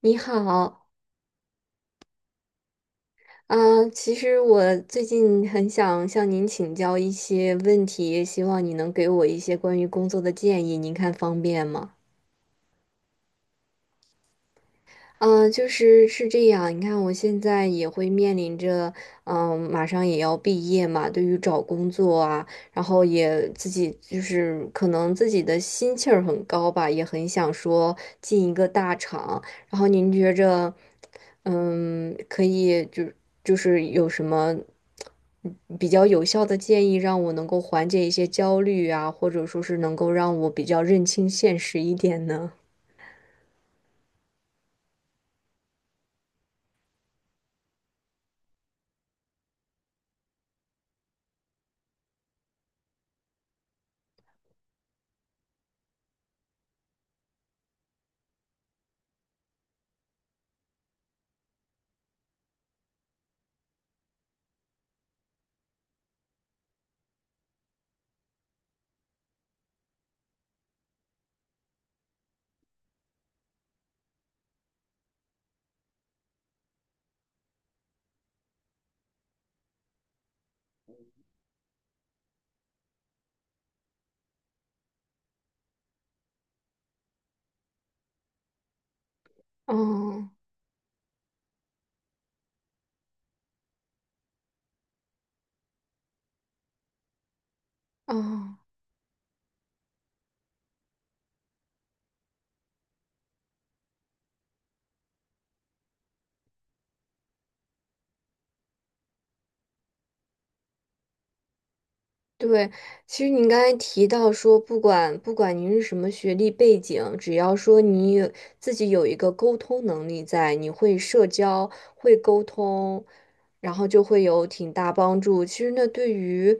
你好。啊，其实我最近很想向您请教一些问题，希望你能给我一些关于工作的建议，您看方便吗？就是是这样。你看，我现在也会面临着，马上也要毕业嘛。对于找工作啊，然后也自己就是可能自己的心气儿很高吧，也很想说进一个大厂。然后您觉着，可以就是有什么比较有效的建议，让我能够缓解一些焦虑啊，或者说是能够让我比较认清现实一点呢？哦哦。对，其实您刚才提到说，不管您是什么学历背景，只要说你自己有一个沟通能力在，你会社交，会沟通，然后就会有挺大帮助。其实那对于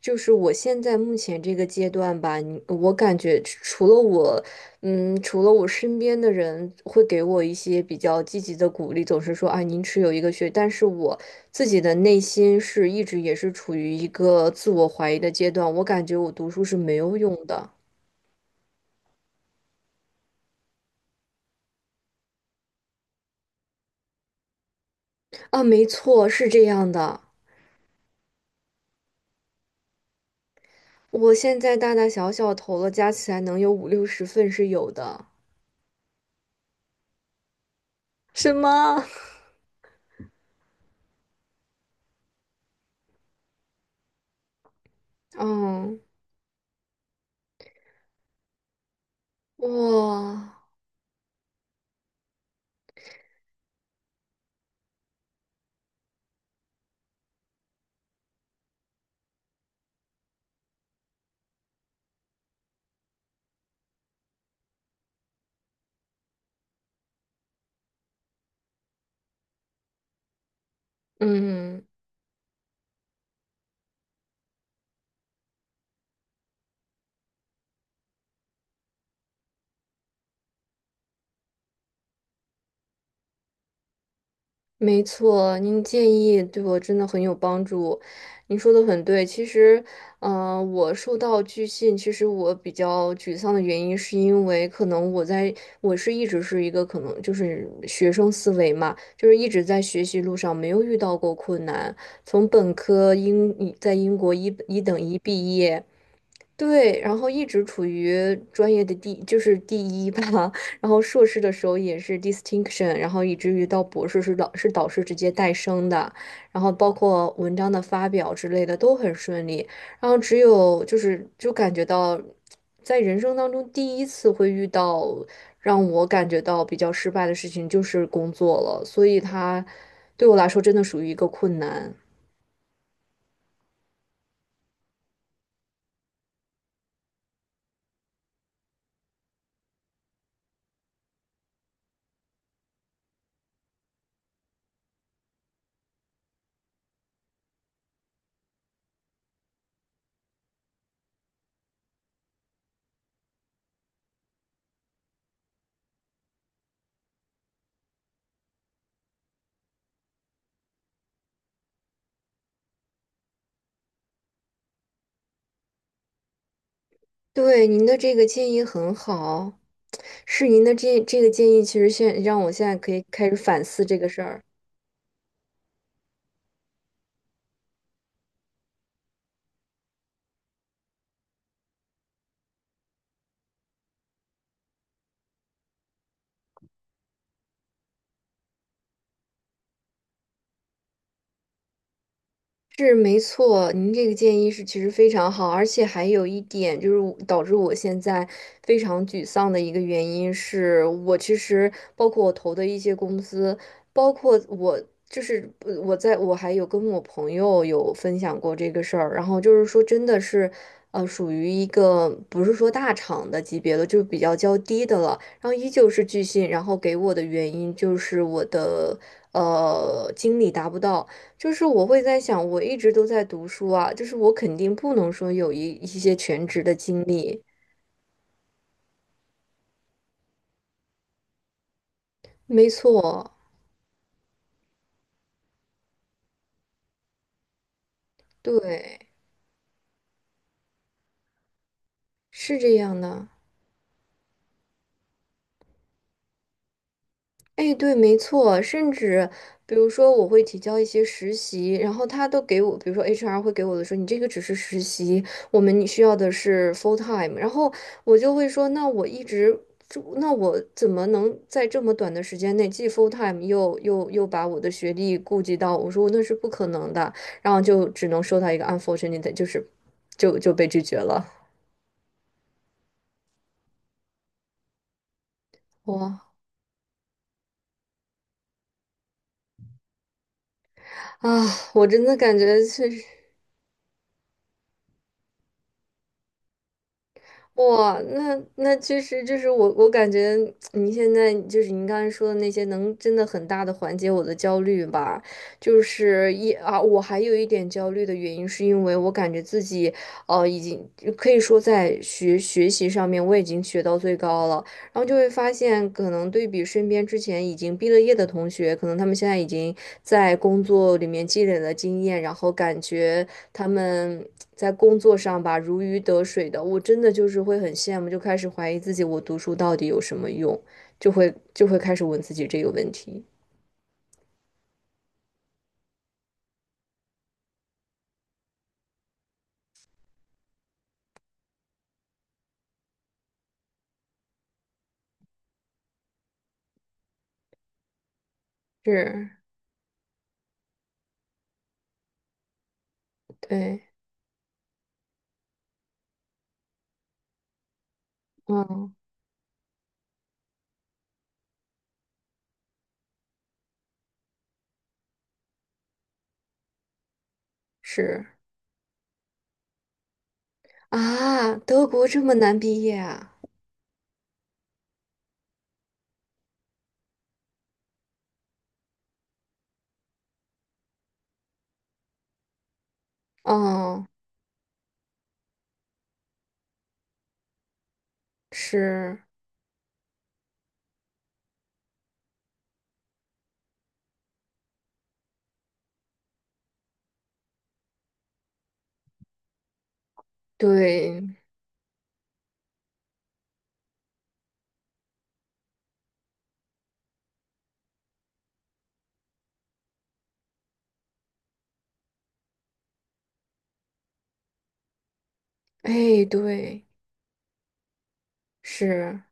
就是我现在目前这个阶段吧，我感觉除了我身边的人会给我一些比较积极的鼓励，总是说啊，您持有一个学，但是我。自己的内心是一直也是处于一个自我怀疑的阶段，我感觉我读书是没有用的。啊，没错，是这样的。我现在大大小小投了，加起来能有五六十份是有的。什么？嗯，哇，嗯。没错，您建议对我真的很有帮助。您说的很对，其实，我受到拒信，其实我比较沮丧的原因，是因为可能我是一直是一个可能就是学生思维嘛，就是一直在学习路上没有遇到过困难，从本科在英国一等毕业。对，然后一直处于专业的第，就是第一吧。然后硕士的时候也是 distinction，然后以至于到博士是导师直接带生的，然后包括文章的发表之类的都很顺利。然后只有就感觉到，在人生当中第一次会遇到让我感觉到比较失败的事情，就是工作了。所以它对我来说真的属于一个困难。对，您的这个建议很好，是您的这个建议，其实让我现在可以开始反思这个事儿。是没错，您这个建议是其实非常好，而且还有一点就是我导致我现在非常沮丧的一个原因是，我其实包括我投的一些公司，包括我我还有跟我朋友有分享过这个事儿，然后就是说真的是，属于一个不是说大厂的级别的，就是比较较低的了，然后依旧是拒信，然后给我的原因就是我的经历达不到。就是我会在想，我一直都在读书啊，就是我肯定不能说有一些全职的经历。没错，对，是这样的。哎，对，没错，甚至比如说我会提交一些实习，然后他都给我，比如说 HR 会给我的说，你这个只是实习，你需要的是 full time，然后我就会说，那我一直就，那我怎么能在这么短的时间内既 full time 又把我的学历顾及到？我说那是不可能的，然后就只能收到一个 unfortunate，就被拒绝了。哇啊，我真的感觉确实。哇，那其实就是我感觉你现在就是您刚才说的那些，能真的很大的缓解我的焦虑吧。就是我还有一点焦虑的原因，是因为我感觉自己已经可以说在学习上面我已经学到最高了，然后就会发现，可能对比身边之前已经毕了业的同学，可能他们现在已经在工作里面积累了经验，然后感觉他们在工作上吧如鱼得水的，我真的就是会很羡慕，就开始怀疑自己，我读书到底有什么用，就会开始问自己这个问题。是，对，嗯，是啊，德国这么难毕业啊？哦，是，对，哎，对，是，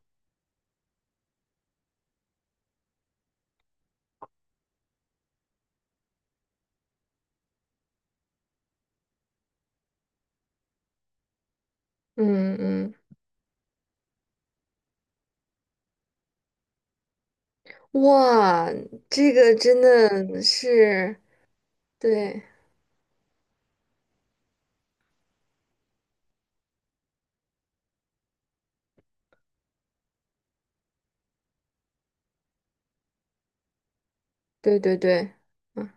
嗯嗯，哇，这个真的是，对，对对对。嗯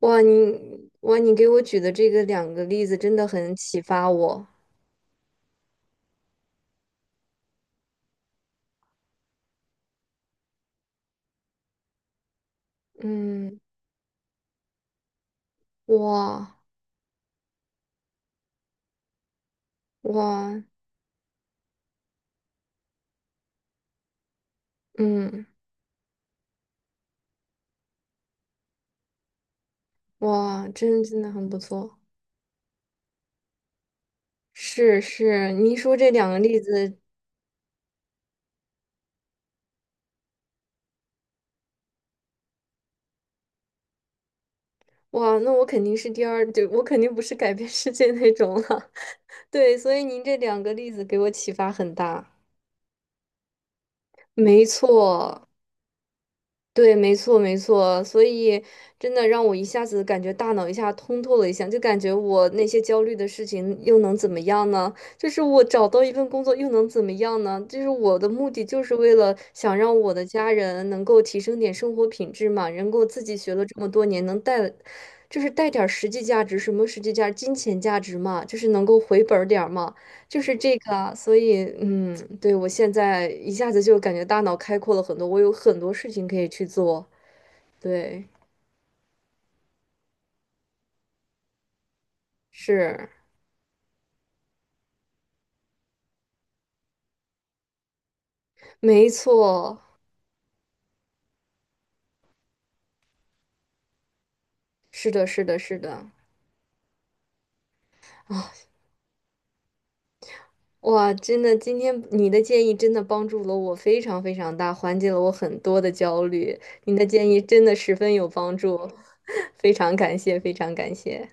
哇，哇，你给我举的这个两个例子真的很启发我。嗯，哇哇，嗯哇，真的很不错。是是，您说这两个例子，哇，那我肯定是第二，对，我肯定不是改变世界那种了。对，所以您这两个例子给我启发很大。没错，对，没错，没错，所以真的让我一下子感觉大脑一下通透了一下，就感觉我那些焦虑的事情又能怎么样呢？就是我找到一份工作又能怎么样呢？就是我的目的就是为了想让我的家人能够提升点生活品质嘛，能够自己学了这么多年，能带，就是带点儿实际价值，什么实际价值金钱价值嘛，就是能够回本儿点儿嘛。就是这个啊，所以对，我现在一下子就感觉大脑开阔了很多，我有很多事情可以去做。对，是，没错，是的，是的，是的。哇，真的，今天你的建议真的帮助了我非常非常大，缓解了我很多的焦虑。你的建议真的十分有帮助，非常感谢，非常感谢。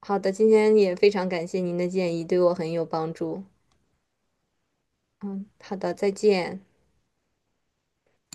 好的，今天也非常感谢您的建议，对我很有帮助。嗯，好的，再见。